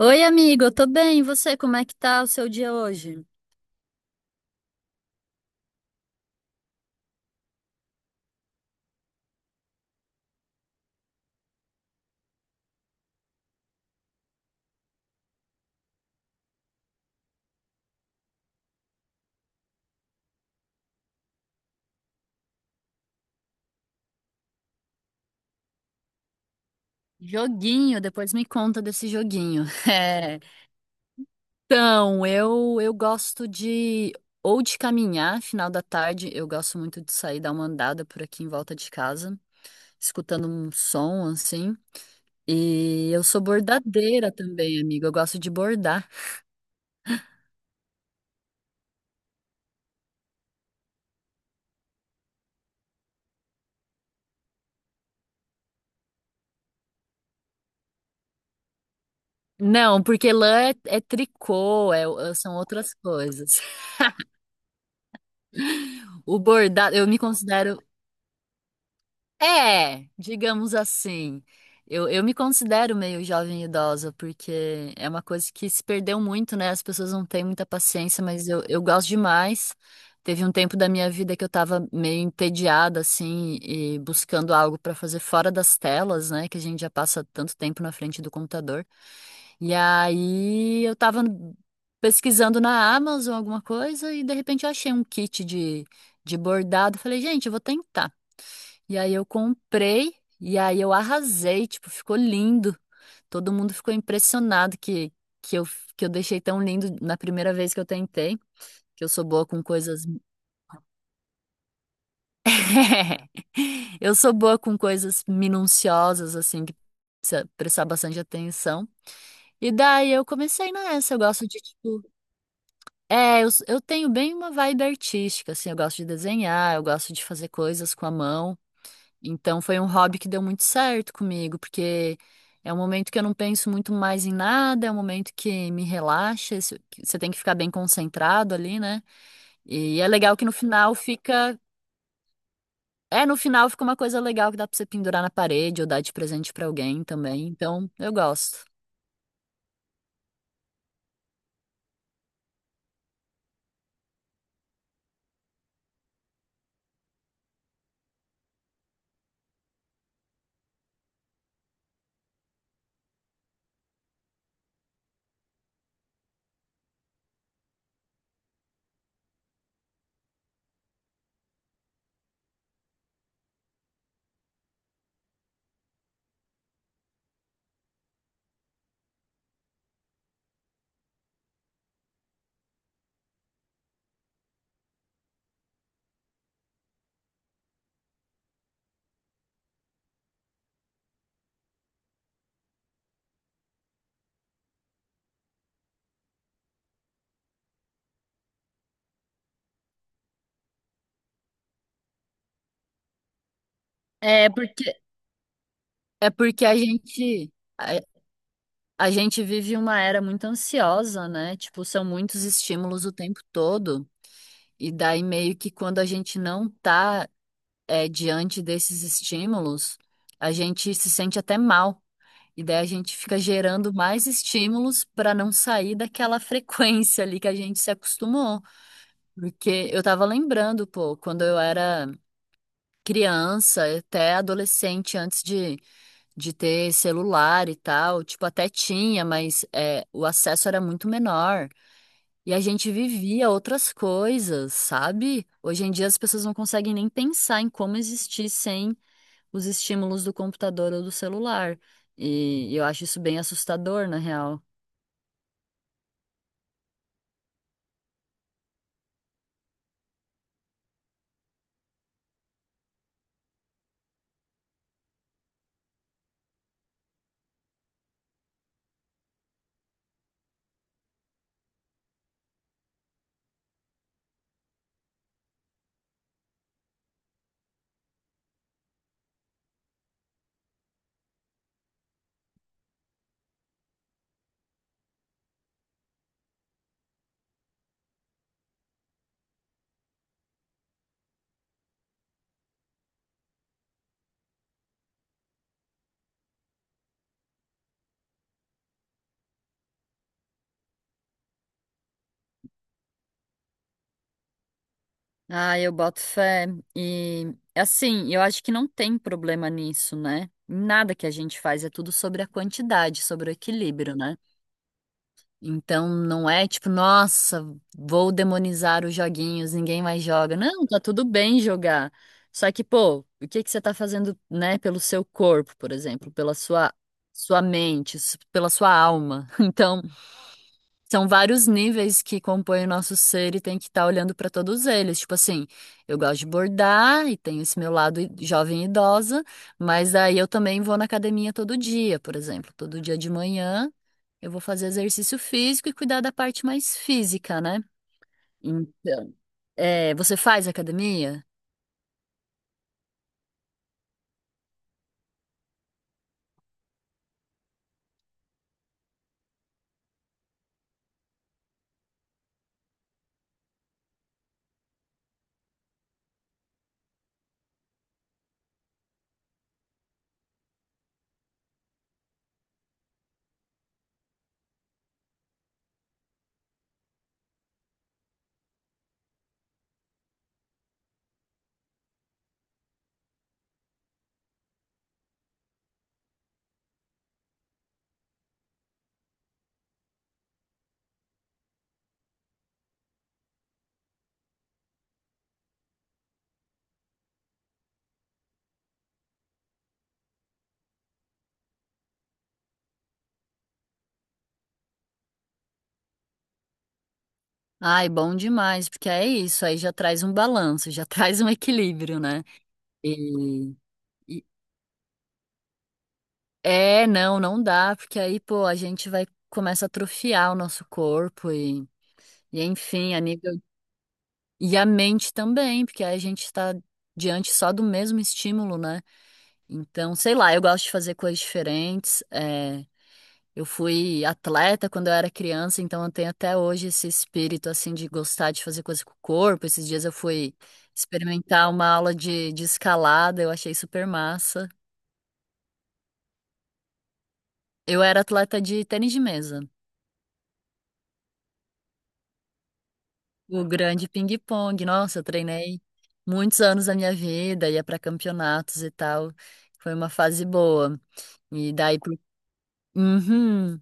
Oi, amigo, eu tô bem. E você, como é que tá o seu dia hoje? Joguinho, depois me conta desse joguinho. É. Então, eu gosto de ou de caminhar final da tarde, eu gosto muito de sair dar uma andada por aqui em volta de casa, escutando um som assim. E eu sou bordadeira também, amigo. Eu gosto de bordar. Não, porque lã é, é tricô, é- são outras coisas. O bordado, eu me considero, é, digamos assim. Eu me considero meio jovem idosa, porque é uma coisa que se perdeu muito, né? As pessoas não têm muita paciência, mas eu gosto demais. Teve um tempo da minha vida que eu tava meio entediada, assim, e buscando algo pra fazer fora das telas, né? Que a gente já passa tanto tempo na frente do computador. E aí eu tava pesquisando na Amazon alguma coisa e de repente eu achei um kit de bordado. Falei, gente, eu vou tentar. E aí eu comprei e aí eu arrasei, tipo, ficou lindo. Todo mundo ficou impressionado que eu, que eu deixei tão lindo na primeira vez que eu tentei, que eu sou boa com coisas. Eu sou boa com coisas minuciosas, assim, que precisa prestar bastante atenção. E daí eu comecei nessa, eu gosto de, tipo, eu tenho bem uma vibe artística, assim, eu gosto de desenhar, eu gosto de fazer coisas com a mão. Então foi um hobby que deu muito certo comigo, porque é um momento que eu não penso muito mais em nada, é um momento que me relaxa, isso- que você tem que ficar bem concentrado ali, né? E é legal que no final no final fica uma coisa legal que dá pra você pendurar na parede ou dar de presente pra alguém também. Então, eu gosto. É porque, é porque a, a gente vive uma era muito ansiosa, né? Tipo, são muitos estímulos o tempo todo. E daí meio que quando a gente não tá, é, diante desses estímulos, a gente se sente até mal. E daí a gente fica gerando mais estímulos para não sair daquela frequência ali que a gente se acostumou. Porque eu tava lembrando, pô, quando eu era criança, até adolescente, antes de ter celular e tal, tipo, até tinha, mas é, o acesso era muito menor. E a gente vivia outras coisas, sabe? Hoje em dia as pessoas não conseguem nem pensar em como existir sem os estímulos do computador ou do celular. E eu acho isso bem assustador, na real. Ah, eu boto fé. E assim, eu acho que não tem problema nisso, né? Nada que a gente faz é tudo sobre a quantidade, sobre o equilíbrio, né? Então não é tipo, nossa, vou demonizar os joguinhos, ninguém mais joga. Não, tá tudo bem jogar. Só que, pô, o que que você tá fazendo, né, pelo seu corpo, por exemplo, pela sua mente, s- pela sua alma. Então, são vários níveis que compõem o nosso ser e tem que estar olhando para todos eles. Tipo assim, eu gosto de bordar e tenho esse meu lado i- jovem e idosa, mas aí eu também vou na academia todo dia, por exemplo. Todo dia de manhã eu vou fazer exercício físico e cuidar da parte mais física, né? Então, é, você faz academia? Ai, bom demais, porque é isso, aí já traz um balanço, já traz um equilíbrio, né? E, e é, não dá, porque aí, pô, a gente vai começa a atrofiar o nosso corpo e enfim, a nível e a mente também, porque aí a gente está diante só do mesmo estímulo, né? Então, sei lá, eu gosto de fazer coisas diferentes. Eu fui atleta quando eu era criança, então eu tenho até hoje esse espírito assim de gostar de fazer coisas com o corpo. Esses dias eu fui experimentar uma aula de escalada, eu achei super massa. Eu era atleta de tênis de mesa. O grande ping-pong. Nossa, eu treinei muitos anos da minha vida, ia para campeonatos e tal. Foi uma fase boa. E daí, pro- uhum,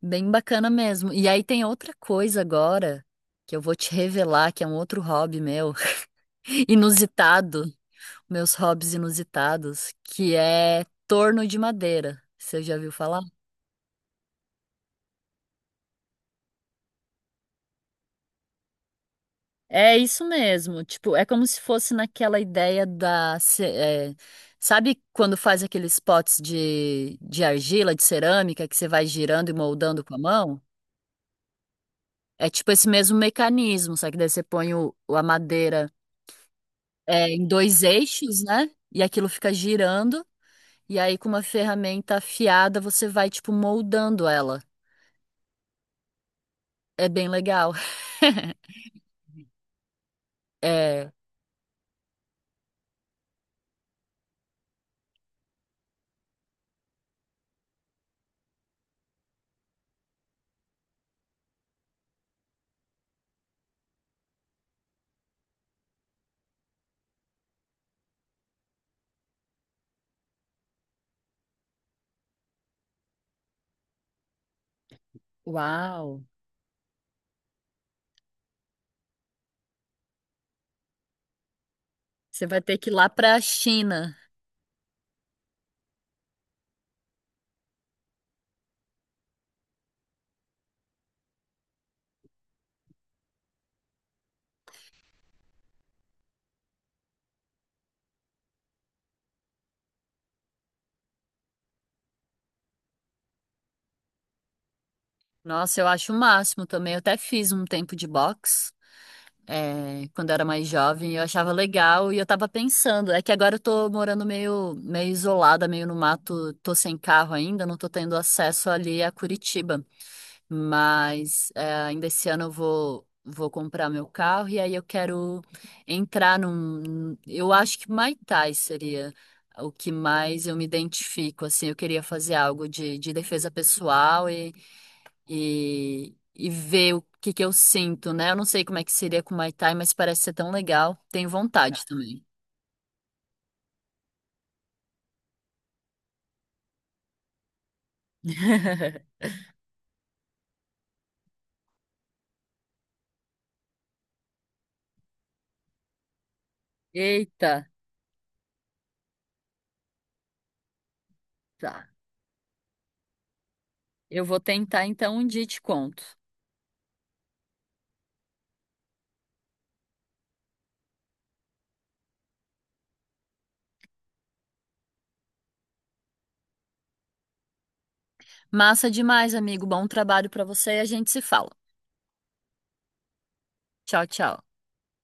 bem bacana mesmo. E aí tem outra coisa agora que eu vou te revelar, que é um outro hobby meu, inusitado, meus hobbies inusitados, que é torno de madeira. Você já viu falar? É isso mesmo. Tipo, é como se fosse naquela ideia da. Ce- é, sabe quando faz aqueles potes de argila, de cerâmica, que você vai girando e moldando com a mão? É tipo esse mesmo mecanismo, só que daí você põe o- a madeira, é, em 2 eixos, né? E aquilo fica girando. E aí, com uma ferramenta afiada, você vai, tipo, moldando ela. É bem legal. É. Uau! Você vai ter que ir lá pra China. Nossa, eu acho o máximo também. Eu até fiz um tempo de boxe, é, quando eu era mais jovem, eu achava legal e eu tava pensando. É que agora eu tô morando meio isolada, meio no mato, tô sem carro ainda, não tô tendo acesso ali a Curitiba. Mas é, ainda esse ano eu vou comprar meu carro e aí eu quero entrar num. Eu acho que Muay Thai seria o que mais eu me identifico, assim, eu queria fazer algo de defesa pessoal e ver o que que eu sinto, né? Eu não sei como é que seria com o Muay Thai, mas parece ser tão legal. Tenho vontade também. Eita, tá. Eu vou tentar então um dia e te conto. Massa demais, amigo. Bom trabalho pra você e a gente se fala. Tchau, tchau.